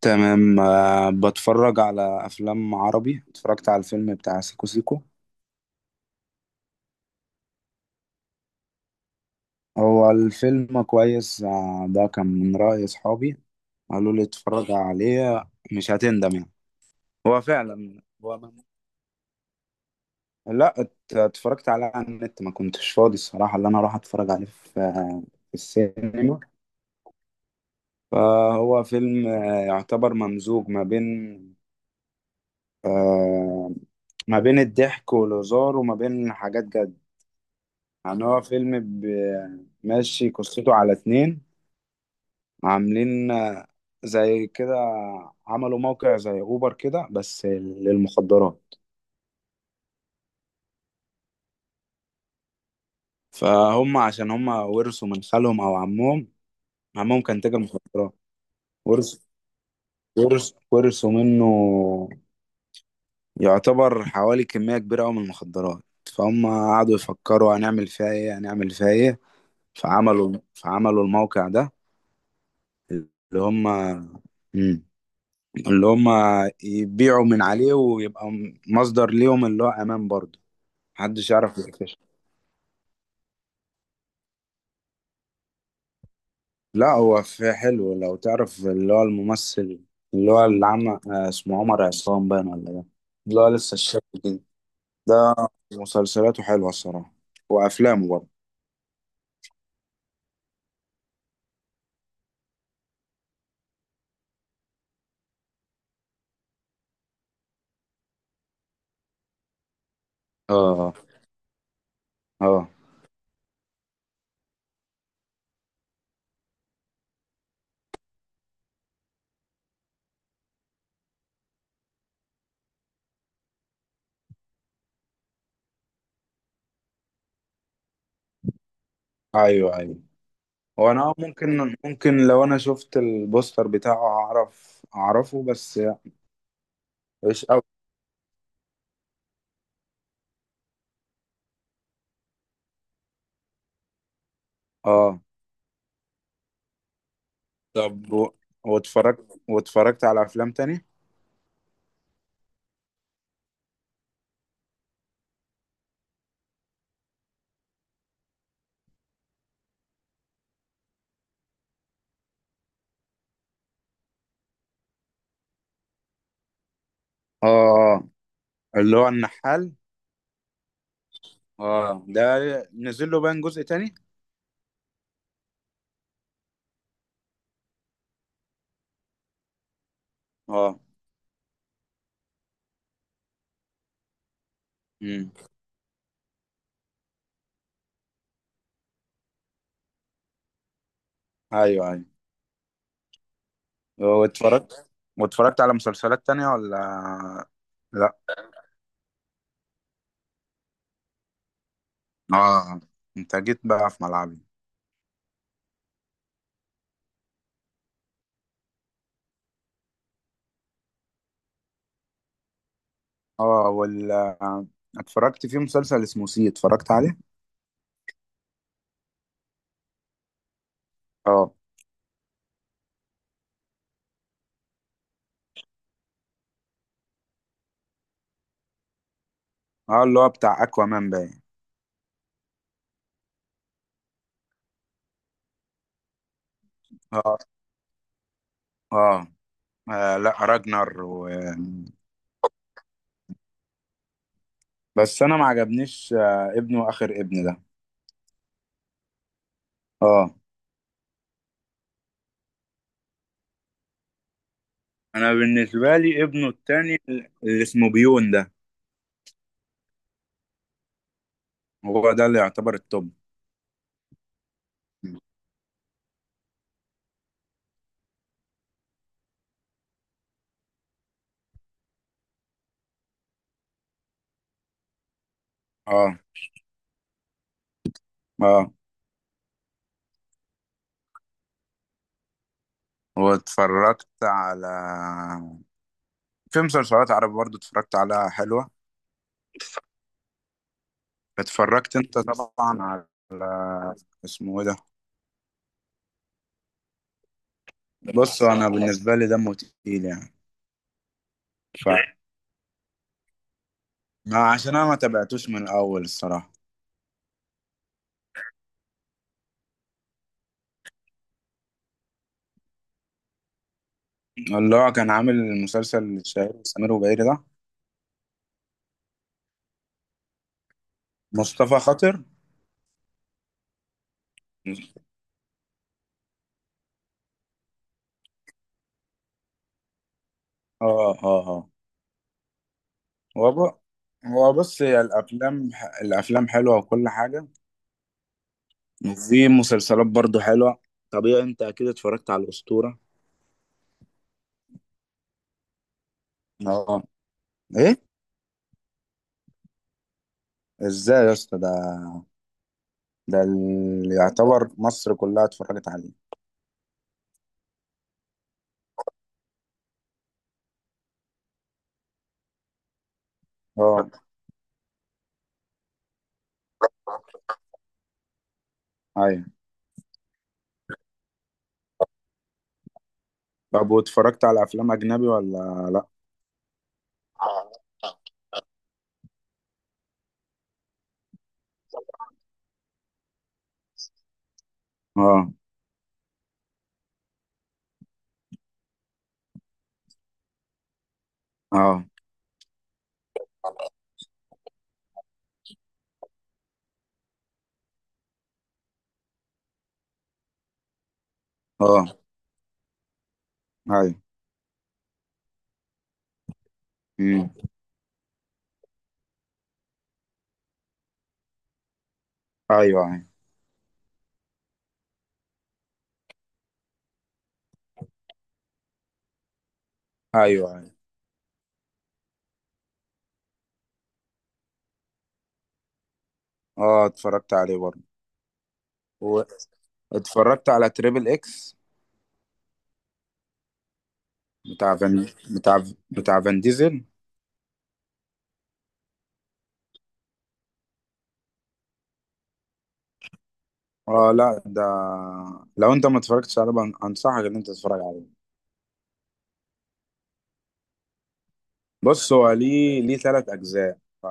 تمام، بتفرج على افلام عربي. اتفرجت على الفيلم بتاع سيكو سيكو. هو الفيلم كويس، ده كان من رأي اصحابي. قالوا لي اتفرج عليه مش هتندم يعني. هو فعلا هو من... لا، اتفرجت عليه على النت، ما كنتش فاضي الصراحة اللي انا اروح اتفرج عليه في في السينما. فهو فيلم، يعتبر ممزوج ما بين، آه، ما بين الضحك والهزار وما بين حاجات جد. يعني هو فيلم ماشي قصته على اتنين عاملين، زي كده. عملوا موقع زي اوبر كده بس للمخدرات. فهم عشان هم ورثوا من خالهم او عمهم، عمهم كان تاجر مخدرات. ورث ورث ورثوا منه، يعتبر حوالي كمية كبيرة أوي من المخدرات. فهم قعدوا يفكروا هنعمل فيها ايه هنعمل فيها ايه. فعملوا الموقع ده، اللي هم مم. اللي هم يبيعوا من عليه ويبقى مصدر ليهم اللي هو امان برضه، محدش يعرف يكتشف. لا، هو في حلو. لو تعرف اللي هو الممثل اللي هو اللي عمل، اسمه عمر عصام باين ولا، ده اللي هو لسه الشاب كده. ده مسلسلاته حلوة الصراحة، وافلامه برضه. اه، اه، ايوه، ايوه. هو انا ممكن لو انا شفت البوستر بتاعه اعرف اعرفه، بس مش قوي. اه، طب واتفرجت على افلام تاني؟ اه، اللي هو النحال. اه، ده نزل له بان جزء تاني. اه. امم. ايوه، ايوه. واتفرجت واتفرجت على مسلسلات تانية ولا لا؟ اه، انت جيت بقى في ملعبي. اه، وال، اتفرجت في مسلسل اسمه سي، اتفرجت عليه. اه، اه، اللي هو بتاع اكوامان باين. اه، اه، لا، بس انا ما عجبنيش آه ابنه، اخر ابن ده. اه، انا بالنسبه لي ابنه التاني اللي اسمه بيون ده، هو ده اللي يعتبر التوب. اه، اه. واتفرجت على في مسلسلات عربي برضو اتفرجت على حلوة. اتفرجت انت طبعا على، اسمه ايه ده؟ بص انا بالنسبة لي دمه تقيل يعني. ف، ما عشان انا ما تابعتوش من الاول الصراحة. اللي هو كان عامل المسلسل الشهير سمير وبهير ده، مصطفى خاطر. اه، اه، هو ب- هو بص، هي الافلام، الافلام حلوه وكل حاجه، وفي مسلسلات برضو حلوه. طبيعي انت اكيد اتفرجت على الاسطوره؟ اه، ايه؟ ازاي يا اسطى؟ ده ده اللي يعتبر مصر كلها اتفرجت عليه. اه، ايوه. طب واتفرجت على افلام اجنبي ولا لا؟ اه، اه، اه، ايوه، امم، ايوه، ايوه، ايوه، ايوه، اه، اتفرجت عليه برضه. واتفرجت على تريبل اكس، بتاع فان بتاع بتاع فان ديزل. اه، لا ده، لو انت ما اتفرجتش عليه، انصحك ان انت تتفرج عليه. بص، هو ليه، ثلاث اجزاء. ف،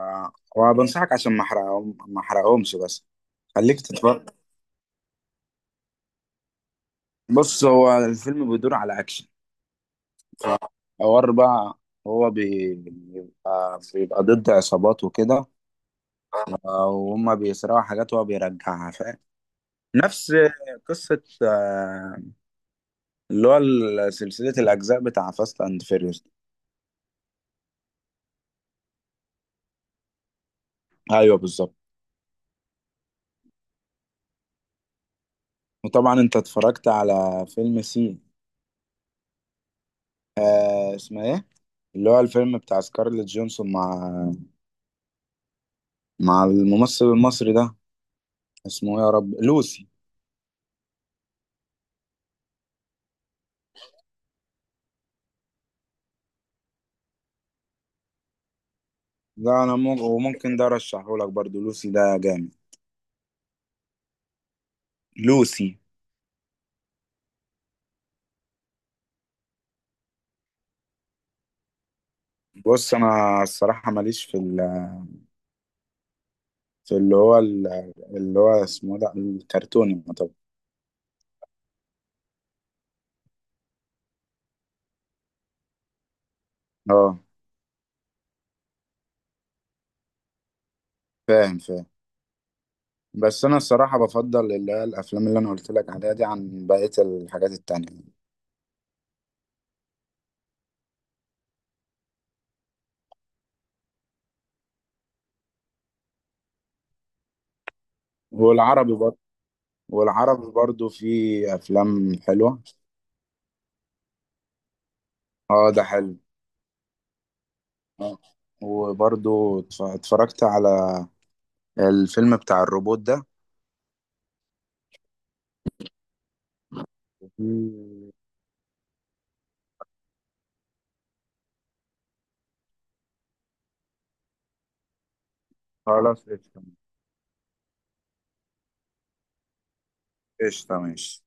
وبنصحك عشان ما احرقهمش، بس خليك تتفرج. بص، هو الفيلم بيدور على اكشن، فحوار بقى. هو بيبقى ضد عصابات وكده، وهم بيسرقوا حاجات وهو بيرجعها، فاهم؟ نفس قصة، اللي هو سلسلة الأجزاء بتاع فاست أند فيريوس. ايوه بالظبط. وطبعا انت اتفرجت على فيلم سي، آه اسمه ايه؟ اللي هو الفيلم بتاع سكارليت جونسون مع الممثل المصري ده، اسمه ايه يا رب، لوسي. لا، انا وممكن ده ارشحه لك برضو، لوسي ده جامد. لوسي. بص انا الصراحه ماليش في في اللي هو اللي هو اسمه ده الكرتوني طبعا. اه، فاهم فاهم. بس انا الصراحه بفضل اللي هي الافلام اللي انا قلت لك عليها دي عن بقيه الحاجات التانية. والعربي برضه، والعربي برضو في افلام حلوه. اه ده حلو. آه. وبرضو اتفرجت على الفيلم بتاع الروبوت ده. في، خلاص قشطة. قشطة ماشي.